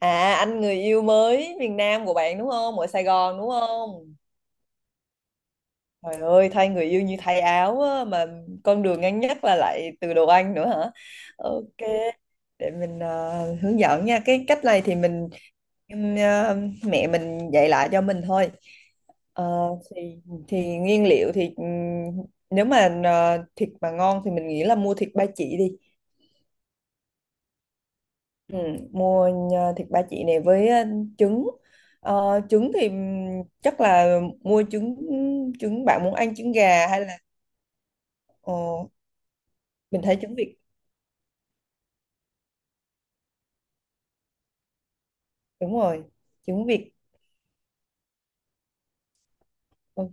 À anh người yêu mới miền Nam của bạn đúng không? Ở Sài Gòn đúng không? Trời ơi thay người yêu như thay áo á, mà con đường ngắn nhất là lại từ đồ ăn nữa hả? Ok, để mình hướng dẫn nha. Cái cách này thì em, ờ, mẹ mình dạy lại cho mình thôi. Ờ, thì thì nguyên liệu thì nếu mà thịt mà ngon thì mình nghĩ là mua thịt ba chỉ đi. Ừ, mua nhờ thịt ba chỉ này với trứng. Trứng thì chắc là mua trứng trứng bạn muốn ăn trứng gà hay là ờ, mình thấy trứng vịt, đúng rồi, trứng vịt. Ừ.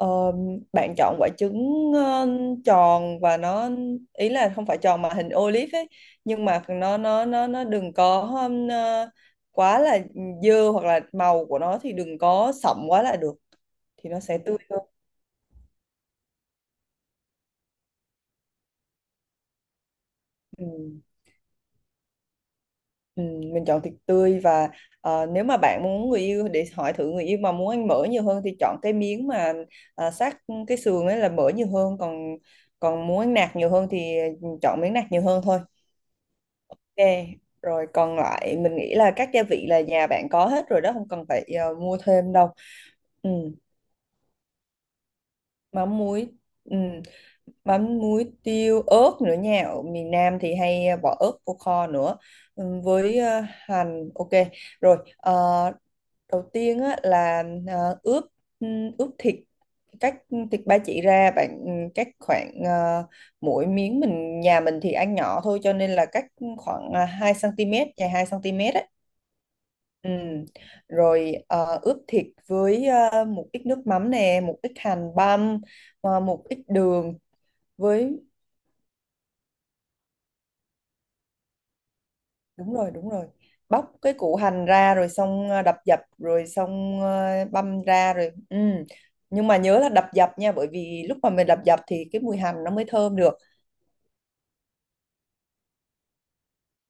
Ờ, bạn chọn quả trứng tròn và nó, ý là không phải tròn mà hình olive ấy, nhưng mà nó đừng có quá là dơ hoặc là màu của nó thì đừng có sậm quá là được, thì nó sẽ tươi hơn. Ừ. Ừ, mình chọn thịt tươi và nếu mà bạn muốn người yêu để hỏi thử người yêu mà muốn ăn mỡ nhiều hơn thì chọn cái miếng mà sát cái sườn ấy là mỡ nhiều hơn, còn còn muốn ăn nạc nhiều hơn thì chọn miếng nạc nhiều hơn thôi. Ok, rồi còn lại mình nghĩ là các gia vị là nhà bạn có hết rồi đó, không cần phải mua thêm đâu. Ừ, mắm muối. Ừ, mắm muối tiêu ớt nữa nha, ở miền Nam thì hay bỏ ớt vô kho nữa. Ừ, với hành, ok. Rồi đầu tiên á, là ờ, ướp ướp thịt. Cắt thịt ba chỉ ra, bạn cắt khoảng mỗi miếng, nhà mình thì ăn nhỏ thôi cho nên là cắt khoảng 2 cm, dài 2 cm á. Ừ. Rồi ướp thịt với một ít nước mắm nè, một ít hành băm, một ít đường với, đúng rồi đúng rồi, bóc cái củ hành ra rồi xong đập dập rồi xong băm ra rồi, ừ. Nhưng mà nhớ là đập dập nha, bởi vì lúc mà mình đập dập thì cái mùi hành nó mới thơm được.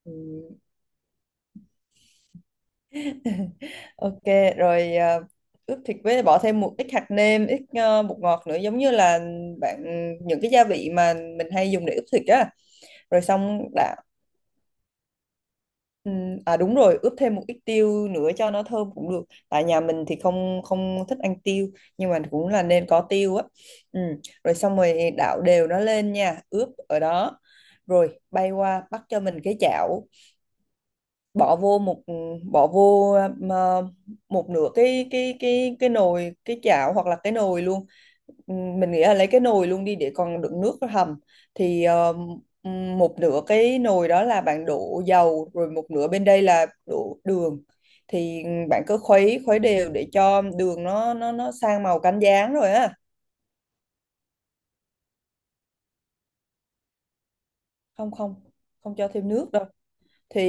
Ừ. Ok. Rồi ướp thịt với bỏ thêm một ít hạt nêm, ít bột ngọt nữa, giống như là bạn những cái gia vị mà mình hay dùng để ướp thịt á. Rồi xong đã. Ừ. À đúng rồi, ướp thêm một ít tiêu nữa cho nó thơm cũng được. Tại nhà mình thì không không thích ăn tiêu, nhưng mà cũng là nên có tiêu á. Ừ. Rồi xong rồi đảo đều nó lên nha, ướp ở đó. Rồi bay qua bắt cho mình cái chảo, bỏ vô một ừ, bỏ vô ờ, một nửa cái chảo hoặc là cái nồi luôn. Mình nghĩ là lấy cái nồi luôn đi để còn đựng nước hầm, thì một nửa cái nồi đó là bạn đổ dầu, rồi một nửa bên đây là đổ đường, thì bạn cứ khuấy khuấy đều để cho đường nó sang màu cánh gián rồi á. Không không, không cho thêm nước đâu. Thì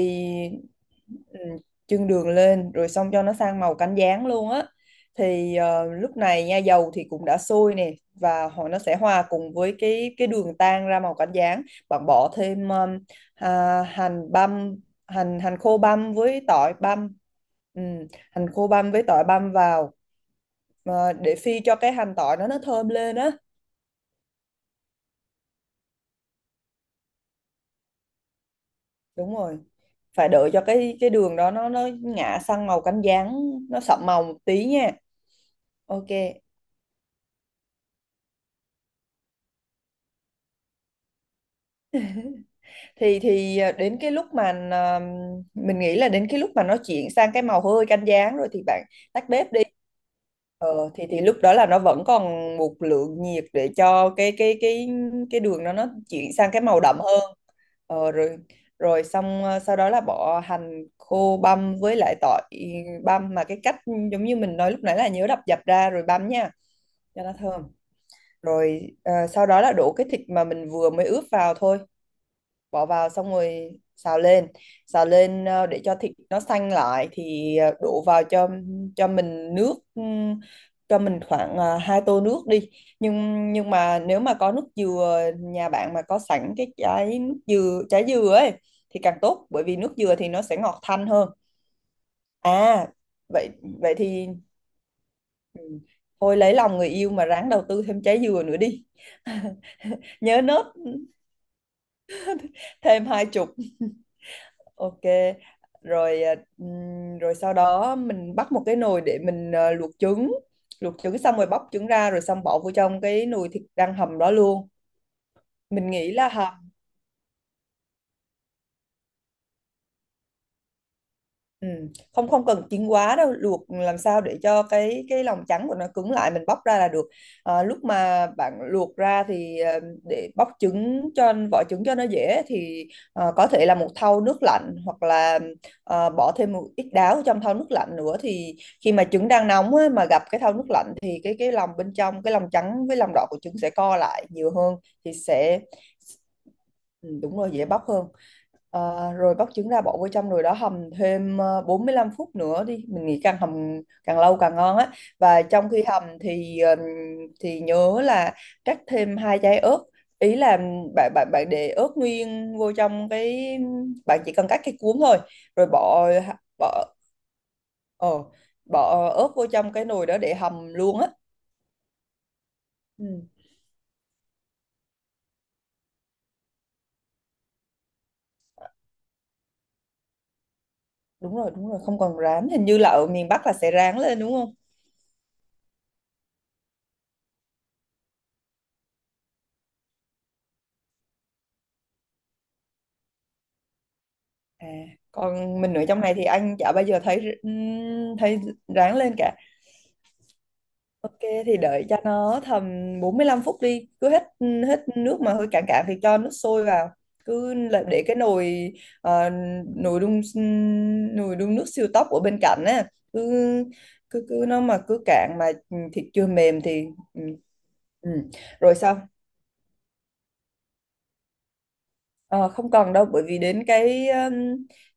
ừ, chưng đường lên rồi xong cho nó sang màu cánh gián luôn á, thì lúc này nha dầu thì cũng đã sôi nè, và họ nó sẽ hòa cùng với cái đường tan ra màu cánh gián. Bạn bỏ thêm hành băm, hành hành khô băm với tỏi băm. Ừ, hành khô băm với tỏi băm vào, để phi cho cái hành tỏi nó thơm lên á. Đúng rồi, phải đợi cho cái đường đó nó ngả sang màu cánh gián, nó sậm màu một tí nha. Ok, đến cái lúc mà mình nghĩ là đến cái lúc mà nó chuyển sang cái màu hơi cánh gián rồi thì bạn tắt bếp đi. Thì lúc đó là nó vẫn còn một lượng nhiệt để cho cái đường nó chuyển sang cái màu đậm hơn. Rồi rồi xong, sau đó là bỏ hành khô băm với lại tỏi băm, mà cái cách giống như mình nói lúc nãy là nhớ đập dập ra rồi băm nha, cho nó thơm. Rồi sau đó là đổ cái thịt mà mình vừa mới ướp vào thôi, bỏ vào xong rồi xào lên. Xào lên, để cho thịt nó xanh lại thì đổ vào cho mình nước, cho mình khoảng hai tô nước đi, nhưng nhưng mà nếu mà có nước dừa, nhà bạn mà có sẵn cái trái dừa ấy thì càng tốt, bởi vì nước dừa thì nó sẽ ngọt thanh hơn. À vậy vậy thì ừ. Thôi lấy lòng người yêu mà ráng đầu tư thêm trái dừa nữa đi. Nhớ nốt thêm hai chục. Ok. Rồi rồi sau đó mình bắt một cái nồi để mình luộc trứng. Luộc trứng xong rồi bóc trứng ra rồi xong bỏ vô trong cái nồi thịt đang hầm đó luôn. Mình nghĩ là hầm. Ừ. Không, không cần chín quá đâu, luộc làm sao để cho cái lòng trắng của nó cứng lại mình bóc ra là được. À, lúc mà bạn luộc ra thì để bóc trứng, cho vỏ trứng cho nó dễ thì có thể là một thau nước lạnh hoặc là bỏ thêm một ít đáo trong thau nước lạnh nữa, thì khi mà trứng đang nóng á, mà gặp cái thau nước lạnh thì cái lòng bên trong, cái lòng trắng với lòng đỏ của trứng sẽ co lại nhiều hơn, thì sẽ. Ừ, đúng rồi, dễ bóc hơn. Ờ, rồi bóc trứng ra bỏ vô trong rồi đó, hầm thêm 45 phút nữa đi, mình nghĩ càng hầm càng lâu càng ngon á. Và trong khi hầm thì nhớ là cắt thêm hai trái ớt, ý là bạn bạn bạn để ớt nguyên vô trong cái, bạn chỉ cần cắt cái cuống thôi, rồi bỏ bỏ ờ, bỏ ớt vô trong cái nồi đó để hầm luôn á. Ừ, đúng rồi đúng rồi, không, còn rán hình như là ở miền Bắc là sẽ rán lên đúng không. À, còn mình ở trong này thì anh chả bao giờ thấy thấy ráng lên cả. Ok, thì đợi cho nó tầm 45 phút đi, cứ hết ừ, hết nước mà hơi cạn cạn thì cho nước sôi vào. Cứ là để cái nồi ờ, nồi đun ừ, nồi đun nước siêu tốc ở bên cạnh á, cứ cứ cứ nó mà cứ cạn mà ừ, thịt chưa mềm thì ừ. Ừ. Rồi sau. Ờ, không cần đâu bởi vì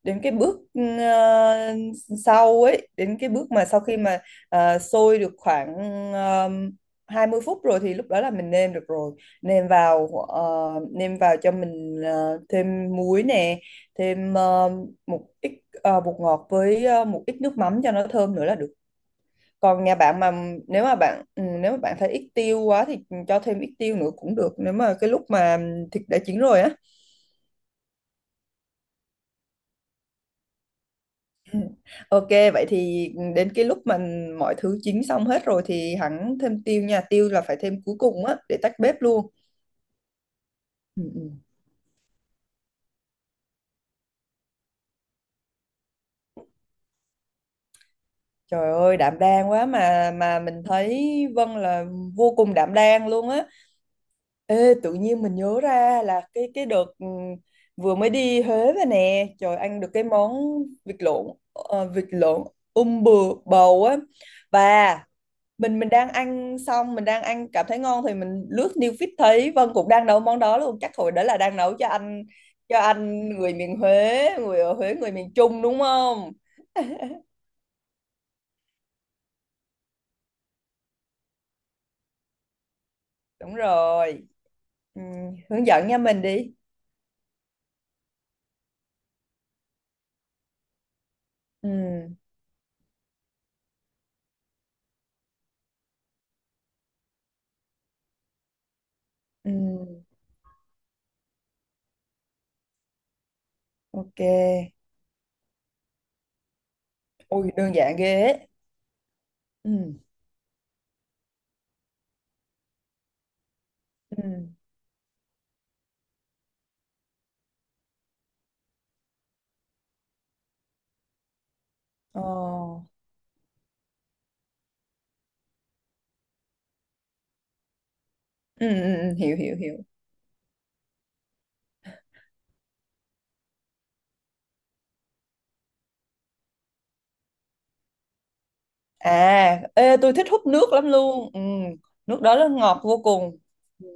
đến cái bước sau ấy, đến cái bước mà sau khi mà sôi được khoảng um, 20 phút rồi thì lúc đó là mình nêm được rồi. Nêm vào nêm vào cho mình thêm muối nè, thêm một ít bột ngọt với một ít nước mắm cho nó thơm nữa là được. Còn nhà bạn mà nếu mà bạn ừ, nếu mà bạn thấy ít tiêu quá thì cho thêm ít tiêu nữa cũng được, nếu mà cái lúc mà thịt đã chín rồi á. Ok, vậy thì đến cái lúc mà mọi thứ chín xong hết rồi thì hắn thêm tiêu nha. Tiêu là phải thêm cuối cùng á để tách bếp luôn. Ừ, ừ. Trời ơi đảm đang quá, mà mình thấy Vân là vô cùng đảm đang luôn á. Ê, tự nhiên mình nhớ ra là cái đợt ừ, vừa mới đi Huế về nè, trời ăn được cái món vịt lộn, vịt lộn bự bầu á, và mình đang ăn, xong mình đang ăn cảm thấy ngon thì mình lướt new feed thấy Vân cũng đang nấu món đó luôn, chắc hồi đó là đang nấu cho anh, cho anh người miền Huế, người ở Huế, người miền Trung đúng không. Đúng rồi. Ừ, hướng dẫn nha mình đi. Ừ, ừ, ok. Ôi đơn giản ghê ấy. Ừ, ừ, ờ, ừ, ừ, ừ, hiểu hiểu hiểu. À ê, tôi thích hút nước lắm luôn, ừ, nước đó nó ngọt vô cùng. Ừ,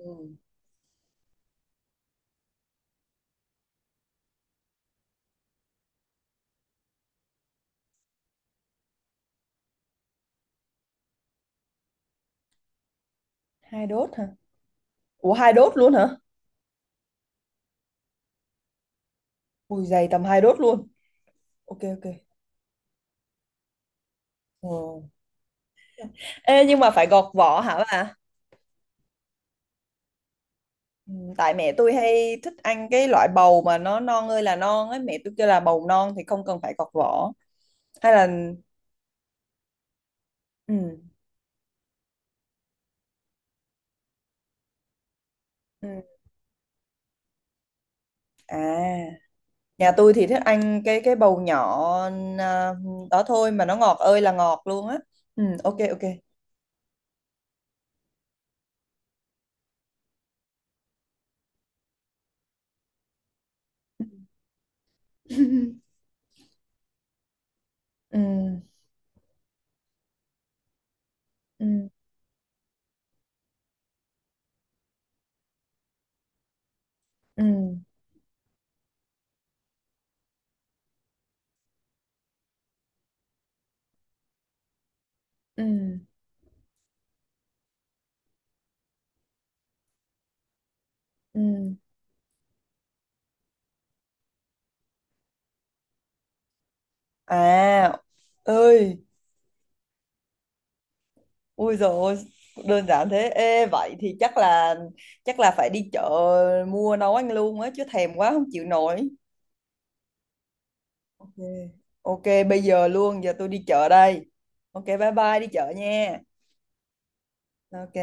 hai đốt hả? Ủa hai đốt luôn hả? Ui dày tầm hai đốt luôn. Ok ok. Ừ. Ê nhưng mà phải gọt vỏ hả bà? Ừ, tại mẹ tôi hay thích ăn cái loại bầu mà nó non ơi là non ấy, mẹ tôi kêu là bầu non thì không cần phải gọt vỏ, hay là. Ừ. Ừ. À, nhà tôi thì thích ăn cái bầu nhỏ, à, đó thôi mà nó ngọt ơi là ngọt luôn á. Ừ, ok ok. Ừ. Ừ. Ừ. Ừ. Ừ. À, ơi, ui rồi, đơn giản thế. Ê, vậy thì chắc là phải đi chợ mua nấu ăn luôn á, chứ thèm quá không chịu nổi. Ok. Ok, bây giờ luôn, giờ tôi đi chợ đây. Ok, bye bye đi chợ nha. Ok.